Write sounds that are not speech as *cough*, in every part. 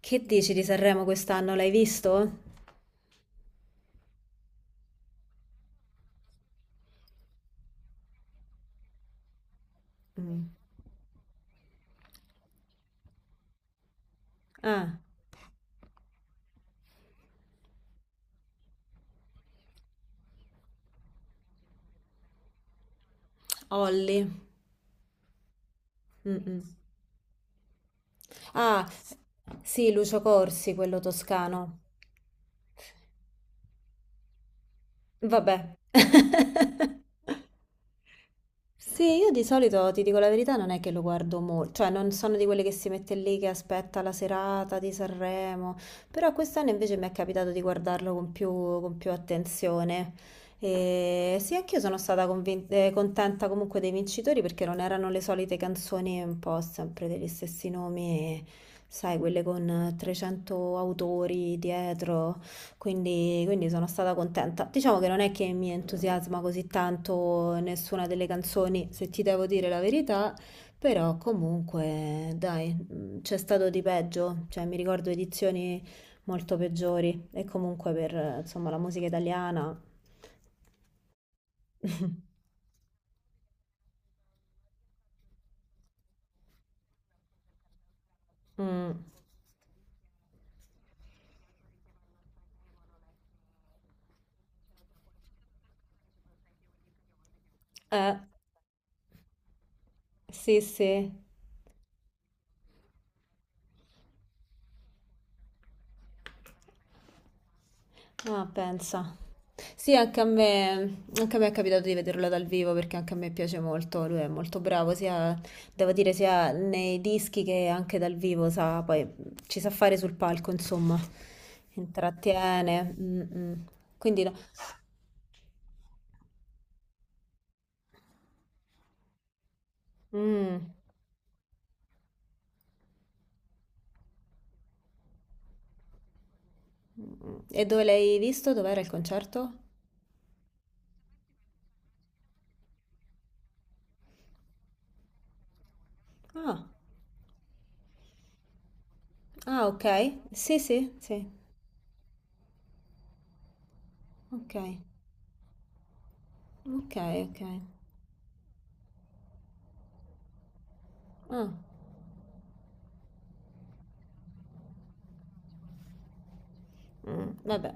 Che dici di Sanremo quest'anno? L'hai visto? Mm. Ah, Olli. Mm-mm. Ah, sì, Lucio Corsi, quello toscano. Vabbè. *laughs* Sì, io di solito ti dico la verità, non è che lo guardo molto, cioè non sono di quelle che si mette lì che aspetta la serata di Sanremo, però quest'anno invece mi è capitato di guardarlo con più attenzione. E sì, anch'io sono stata contenta comunque dei vincitori perché non erano le solite canzoni un po' sempre degli stessi nomi, sai, quelle con 300 autori dietro. Quindi sono stata contenta. Diciamo che non è che mi entusiasma così tanto nessuna delle canzoni, se ti devo dire la verità, però comunque, dai, c'è stato di peggio, cioè mi ricordo edizioni molto peggiori e comunque per, insomma, la musica italiana. *laughs* Mm, eh, sì, sì. Ah, pensa. Sì, anche a me è capitato di vederlo dal vivo perché anche a me piace molto, lui è molto bravo, sia, devo dire, sia nei dischi che anche dal vivo, sa, poi ci sa fare sul palco, insomma, intrattiene. Mm, mm. Quindi no. Mm, mm. E dove l'hai visto? Dov'era il concerto? Ah, ah, ok. Sì, sì, sì. Ok, ok, ok. Ah, mm, vabbè.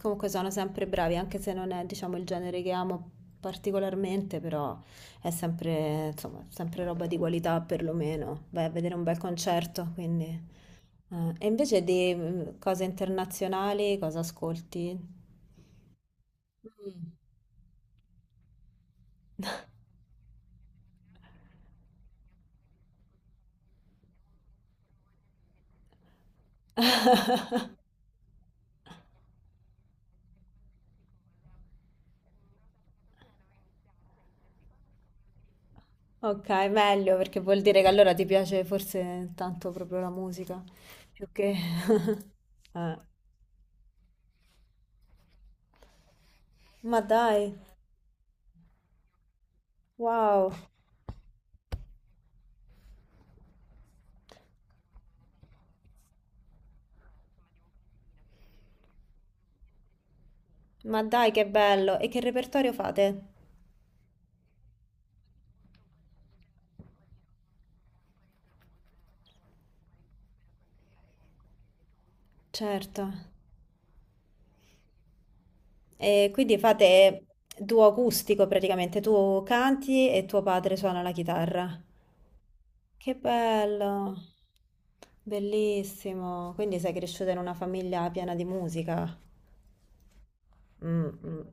Comunque sono sempre bravi, anche se non è, diciamo, il genere che amo particolarmente, però è sempre, insomma, sempre roba di qualità perlomeno. Vai a vedere un bel concerto, quindi eh. E invece di cose internazionali, cosa ascolti? Mm. *laughs* Ok, meglio, perché vuol dire che allora ti piace forse tanto proprio la musica, più che *laughs* eh. Ma dai, wow, ma dai che bello! E che repertorio fate? Certo. E quindi fate duo acustico praticamente, tu canti e tuo padre suona la chitarra. Che bello, bellissimo. Quindi sei cresciuta in una famiglia piena di musica. Mm, mm.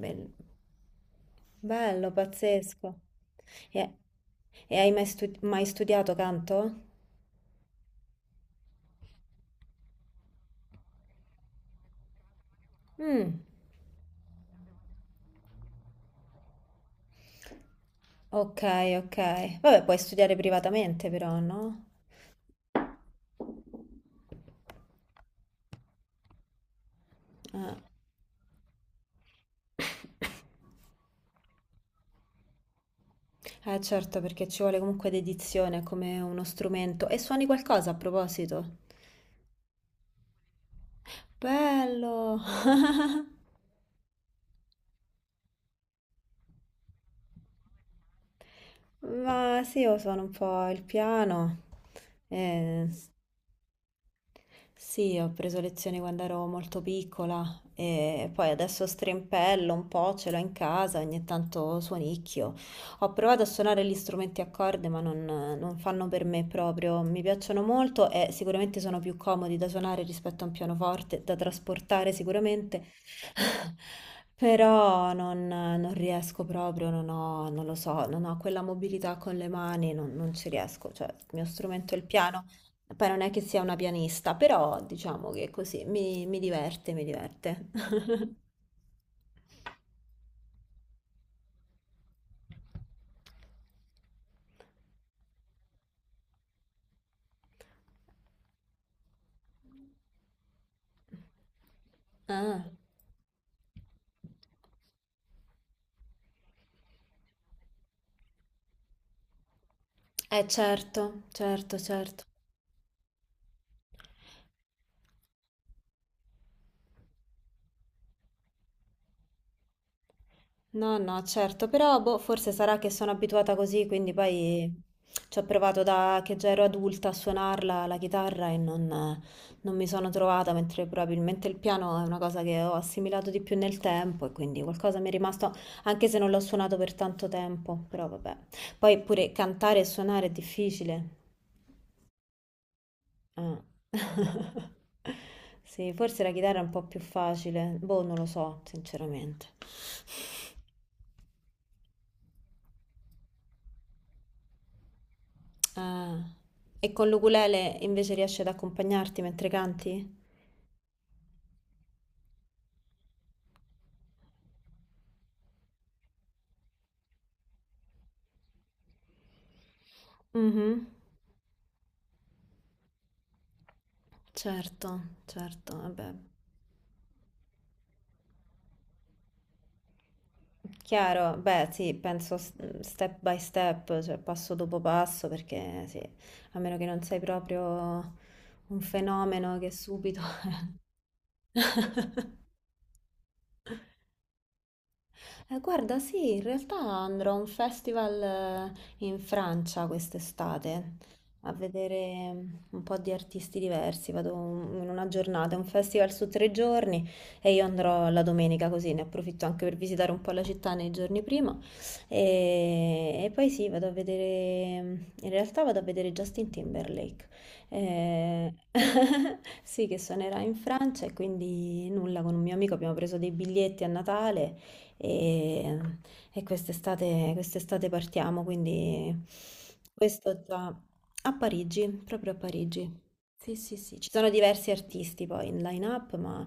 Bel- Bello, pazzesco. E, e hai mai studiato canto? Mm, ok, ok. Vabbè, puoi studiare privatamente però, no? Eh, eh certo, perché ci vuole comunque dedizione come uno strumento. E suoni qualcosa a proposito? Bello! *laughs* Ma sì, io suono un po' il piano. Eh, Sì, ho preso lezioni quando ero molto piccola e poi adesso strimpello un po', ce l'ho in casa, ogni tanto suonicchio. Ho provato a suonare gli strumenti a corde, ma non fanno per me proprio. Mi piacciono molto e sicuramente sono più comodi da suonare rispetto a un pianoforte, da trasportare sicuramente, *laughs* però non, non riesco proprio, non ho, non lo so, non ho quella mobilità con le mani, non ci riesco. Cioè, il mio strumento è il piano. Poi non è che sia una pianista, però diciamo che così mi diverte, mi diverte. *laughs* Ah, eh certo, certo, certo. No, no, certo, però boh, forse sarà che sono abituata così, quindi poi ci ho provato da che già ero adulta a suonarla la chitarra e non mi sono trovata, mentre probabilmente il piano è una cosa che ho assimilato di più nel tempo e quindi qualcosa mi è rimasto, anche se non l'ho suonato per tanto tempo, però vabbè. Poi pure cantare e suonare è difficile. Ah. *laughs* Sì, forse la chitarra è un po' più facile, boh, non lo so, sinceramente. Ah. E con l'ukulele invece riesci ad accompagnarti mentre canti? Mhm. Certo, certo, vabbè. Chiaro, beh, sì, step by step, cioè passo dopo passo, perché sì, a meno che non sei proprio un fenomeno che subito *laughs* eh, guarda, sì, in realtà andrò a un festival in Francia quest'estate a vedere un po' di artisti diversi. Vado in una giornata, è un festival su 3 giorni e io andrò la domenica così ne approfitto anche per visitare un po' la città nei giorni prima. E poi sì, vado a vedere, mm, in realtà vado a vedere Justin Timberlake. Eh, *laughs* sì, che suonerà in Francia e quindi nulla, con un mio amico abbiamo preso dei biglietti a Natale e, e quest'estate partiamo, quindi questo già a Parigi, proprio a Parigi. Sì, sì, sì, ci sono diversi artisti poi in line-up, ma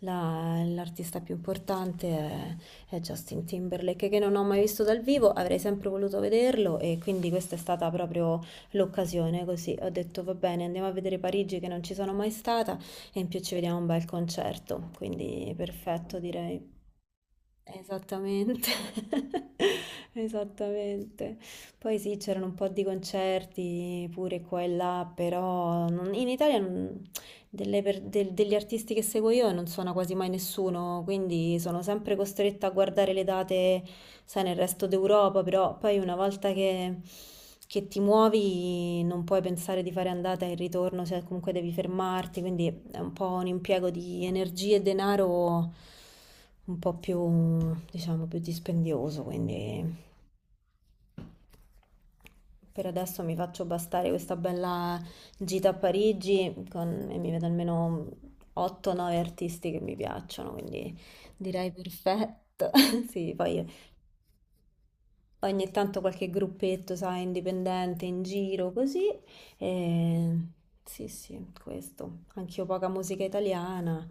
l'artista più importante è Justin Timberlake, che non ho mai visto dal vivo, avrei sempre voluto vederlo e quindi questa è stata proprio l'occasione, così ho detto va bene, andiamo a vedere Parigi che non ci sono mai stata e in più ci vediamo un bel concerto, quindi perfetto direi. Esattamente, *laughs* esattamente. Poi sì, c'erano un po' di concerti pure qua e là, però in Italia degli artisti che seguo io non suona quasi mai nessuno, quindi sono sempre costretta a guardare le date, sai, nel resto d'Europa, però poi una volta che ti muovi non puoi pensare di fare andata e ritorno, cioè comunque devi fermarti, quindi è un po' un impiego di energie e denaro un po' più, diciamo, più dispendioso, quindi per adesso mi faccio bastare questa bella gita a Parigi e mi vedo almeno 8-9 artisti che mi piacciono, quindi direi perfetto. *laughs* Sì, poi ogni tanto qualche gruppetto, sai, indipendente in giro, così. E sì, sì, questo. Anch'io poca musica italiana,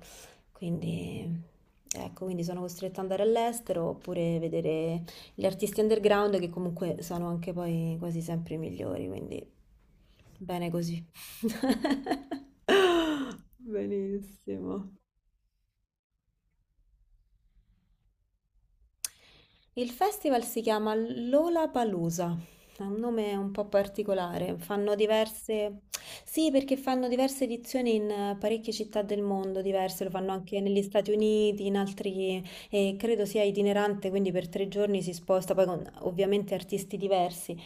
quindi ecco, quindi sono costretta ad andare all'estero oppure vedere gli artisti underground che comunque sono anche poi quasi sempre i migliori, quindi bene così. *laughs* Benissimo. Il festival si chiama Lollapalooza, è un nome un po' particolare, fanno diverse. Sì, perché fanno diverse edizioni in parecchie città del mondo diverse, lo fanno anche negli Stati Uniti, in altri. E credo sia itinerante, quindi per 3 giorni si sposta, poi con ovviamente artisti diversi,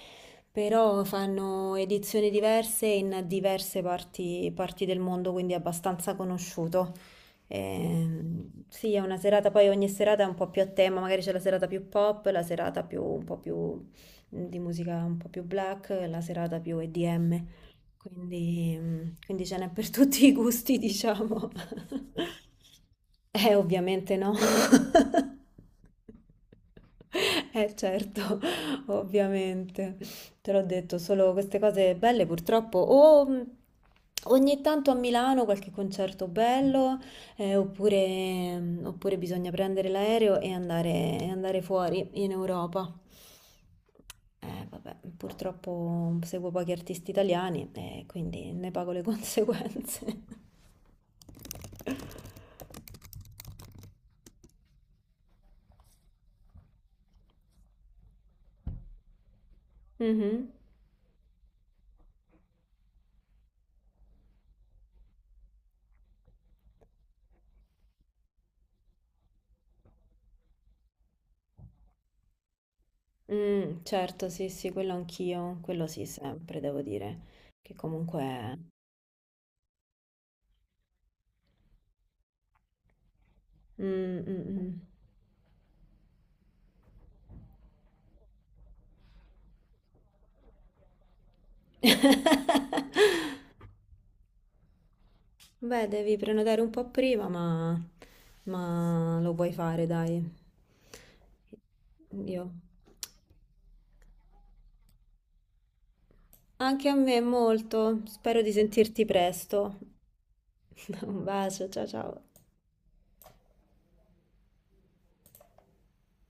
però fanno edizioni diverse in diverse parti del mondo, quindi è abbastanza conosciuto. Sì, è una serata, poi ogni serata è un po' più a tema, magari c'è la serata più pop, la serata più, un po' più di musica un po' più black, la serata più EDM, quindi ce n'è per *laughs* tutti i gusti, diciamo. *laughs* Ovviamente no. *laughs* Certo, *laughs* ovviamente. Te l'ho detto, solo queste cose belle purtroppo. O ogni tanto a Milano qualche concerto bello, oppure, oppure bisogna prendere l'aereo e andare, fuori in Europa. Vabbè, purtroppo seguo pochi artisti italiani e quindi ne pago le *laughs* conseguenze. Mhm. Certo, sì, sì, quello anch'io, quello sì, sempre devo dire, che comunque mh, mh, mh. *laughs* Beh, devi prenotare un po' prima, ma lo puoi fare, dai. Io. Anche a me molto, spero di sentirti presto. *laughs* Un bacio, ciao ciao.